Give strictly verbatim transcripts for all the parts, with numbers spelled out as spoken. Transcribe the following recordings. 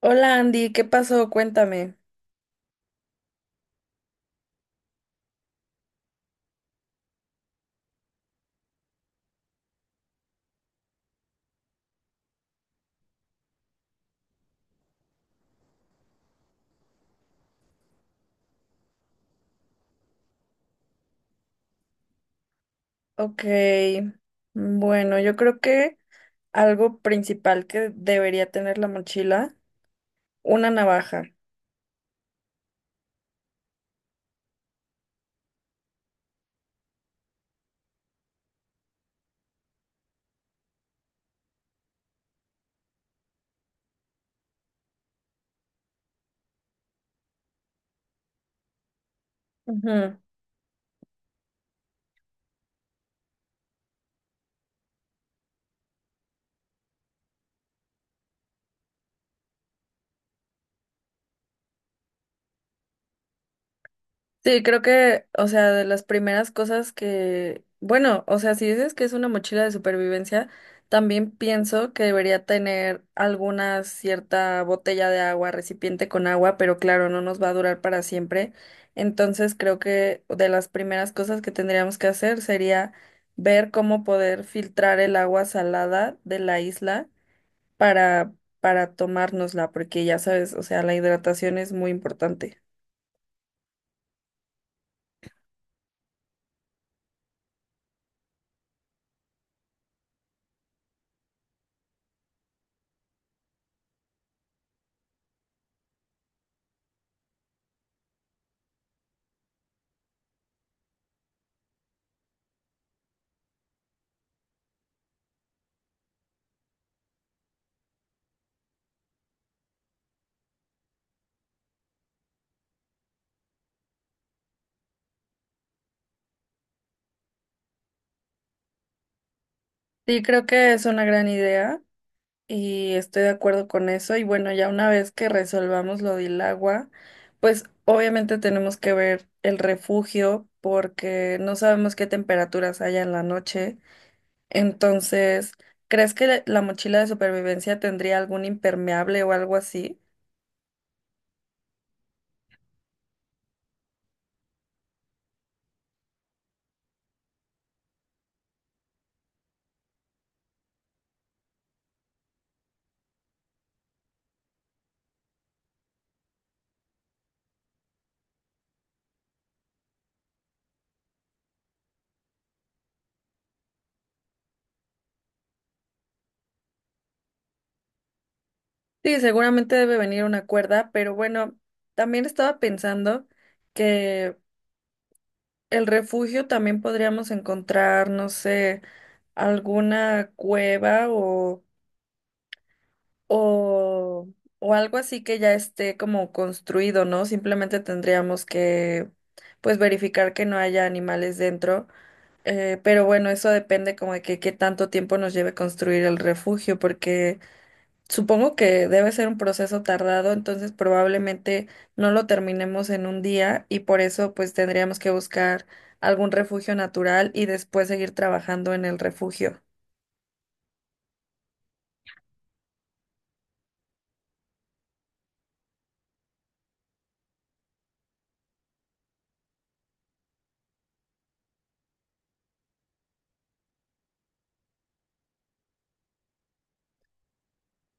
Hola Andy, ¿qué pasó? Cuéntame. Ok, bueno, yo creo que algo principal que debería tener la mochila, una navaja. Ujú. Sí, creo que, o sea, de las primeras cosas que, bueno, o sea, si dices que es una mochila de supervivencia, también pienso que debería tener alguna cierta botella de agua, recipiente con agua, pero claro, no nos va a durar para siempre. Entonces, creo que de las primeras cosas que tendríamos que hacer sería ver cómo poder filtrar el agua salada de la isla para para tomárnosla, porque ya sabes, o sea, la hidratación es muy importante. Sí, creo que es una gran idea. Y estoy de acuerdo con eso. Y bueno, ya una vez que resolvamos lo del agua, pues obviamente tenemos que ver el refugio porque no sabemos qué temperaturas haya en la noche. Entonces, ¿crees que le- la mochila de supervivencia tendría algún impermeable o algo así? Sí, seguramente debe venir una cuerda, pero bueno, también estaba pensando que el refugio también podríamos encontrar, no sé, alguna cueva o O, o algo así que ya esté como construido, ¿no? Simplemente tendríamos que, pues, verificar que no haya animales dentro. Eh, pero bueno, eso depende como de que qué tanto tiempo nos lleve construir el refugio, porque supongo que debe ser un proceso tardado, entonces probablemente no lo terminemos en un día y por eso pues tendríamos que buscar algún refugio natural y después seguir trabajando en el refugio.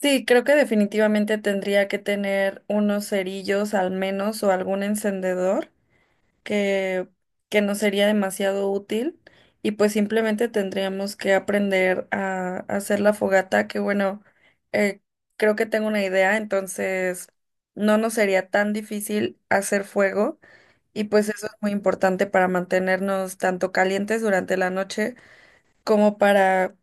Sí, creo que definitivamente tendría que tener unos cerillos al menos o algún encendedor que, que no sería demasiado útil y pues simplemente tendríamos que aprender a, hacer la fogata que bueno, eh, creo que tengo una idea, entonces no nos sería tan difícil hacer fuego y pues eso es muy importante para mantenernos tanto calientes durante la noche como para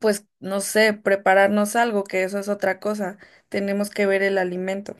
pues, no sé, prepararnos algo, que eso es otra cosa. Tenemos que ver el alimento.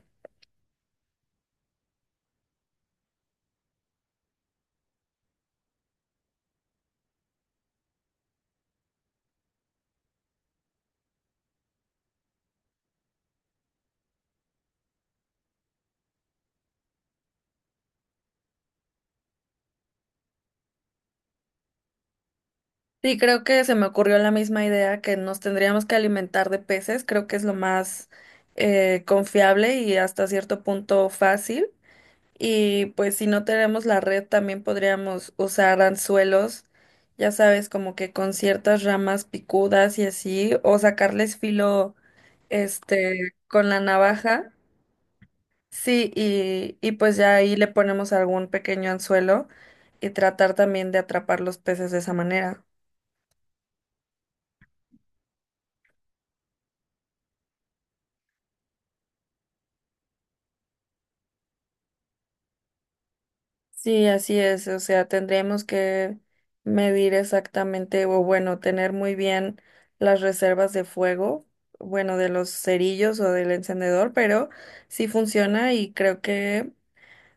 Sí, creo que se me ocurrió la misma idea que nos tendríamos que alimentar de peces. Creo que es lo más eh, confiable y hasta cierto punto fácil. Y pues si no tenemos la red, también podríamos usar anzuelos, ya sabes, como que con ciertas ramas picudas y así, o sacarles filo, este, con la navaja. Sí, y, y pues ya ahí le ponemos algún pequeño anzuelo y tratar también de atrapar los peces de esa manera. Sí, así es. O sea, tendríamos que medir exactamente, o bueno, tener muy bien las reservas de fuego, bueno, de los cerillos o del encendedor, pero sí funciona y creo que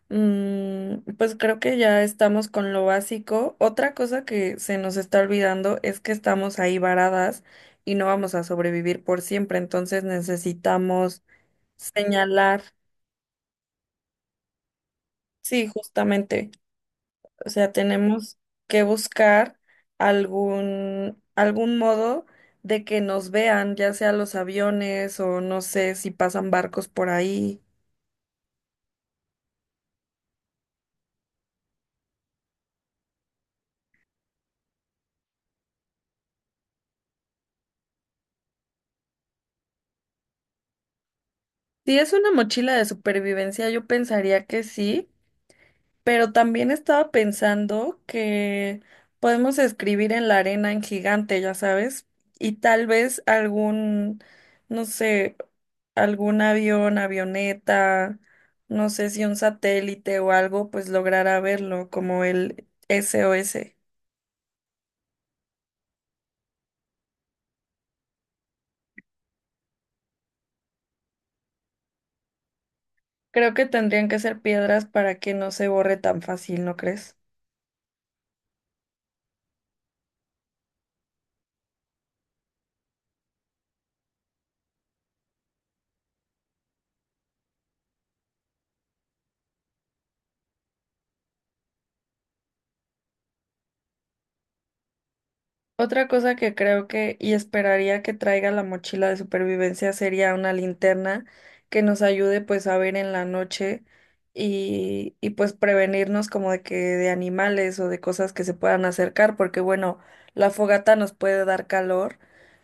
Mm, pues creo que ya estamos con lo básico. Otra cosa que se nos está olvidando es que estamos ahí varadas y no vamos a sobrevivir por siempre, entonces necesitamos señalar, sí, justamente, o sea, tenemos que buscar algún algún modo de que nos vean, ya sea los aviones o no sé si pasan barcos por ahí. Si es una mochila de supervivencia, yo pensaría que sí. Pero también estaba pensando que podemos escribir en la arena en gigante, ya sabes, y tal vez algún, no sé, algún avión, avioneta, no sé si un satélite o algo, pues logrará verlo, como el S O S. Creo que tendrían que ser piedras para que no se borre tan fácil, ¿no crees? Otra cosa que creo que y esperaría que traiga la mochila de supervivencia sería una linterna que nos ayude pues a ver en la noche y, y pues prevenirnos como de que de animales o de cosas que se puedan acercar, porque bueno, la fogata nos puede dar calor,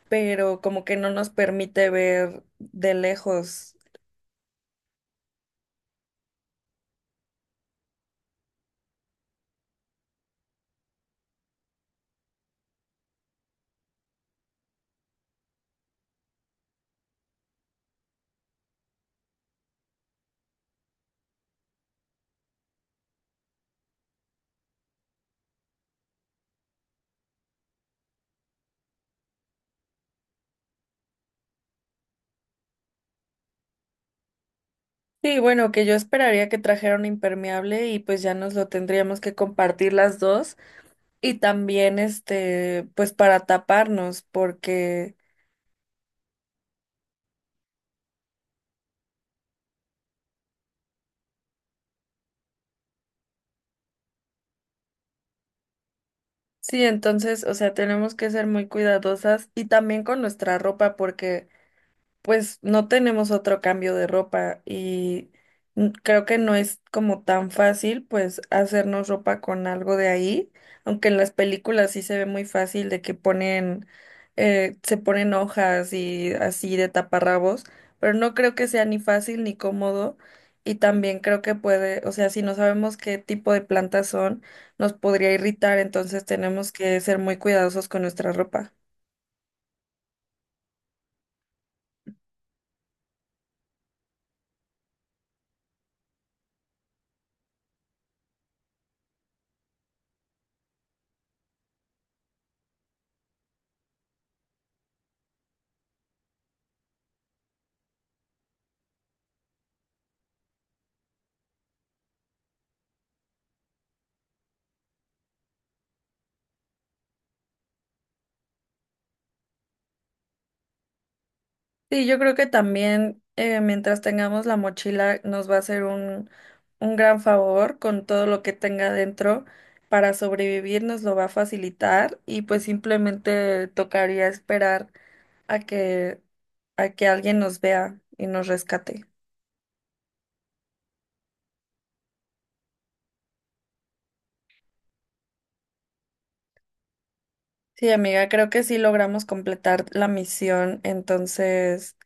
pero como que no nos permite ver de lejos. Sí, bueno, que yo esperaría que trajera un impermeable y pues ya nos lo tendríamos que compartir las dos. Y también, este, pues para taparnos, porque sí, entonces, o sea, tenemos que ser muy cuidadosas y también con nuestra ropa, porque pues no tenemos otro cambio de ropa y n- creo que no es como tan fácil pues hacernos ropa con algo de ahí, aunque en las películas sí se ve muy fácil de que ponen, eh, se ponen hojas y así de taparrabos, pero no creo que sea ni fácil ni cómodo y también creo que puede, o sea, si no sabemos qué tipo de plantas son, nos podría irritar, entonces tenemos que ser muy cuidadosos con nuestra ropa. Sí, yo creo que también eh, mientras tengamos la mochila nos va a hacer un, un gran favor con todo lo que tenga dentro para sobrevivir, nos lo va a facilitar y pues simplemente tocaría esperar a que, a que alguien nos vea y nos rescate. Sí, amiga, creo que sí logramos completar la misión, entonces,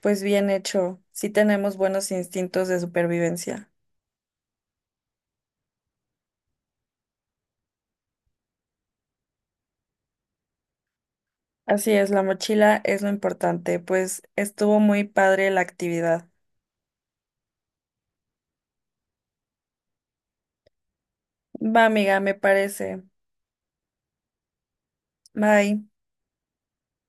pues bien hecho, sí tenemos buenos instintos de supervivencia. Así es, la mochila es lo importante, pues estuvo muy padre la actividad. Va, amiga, me parece. Bye.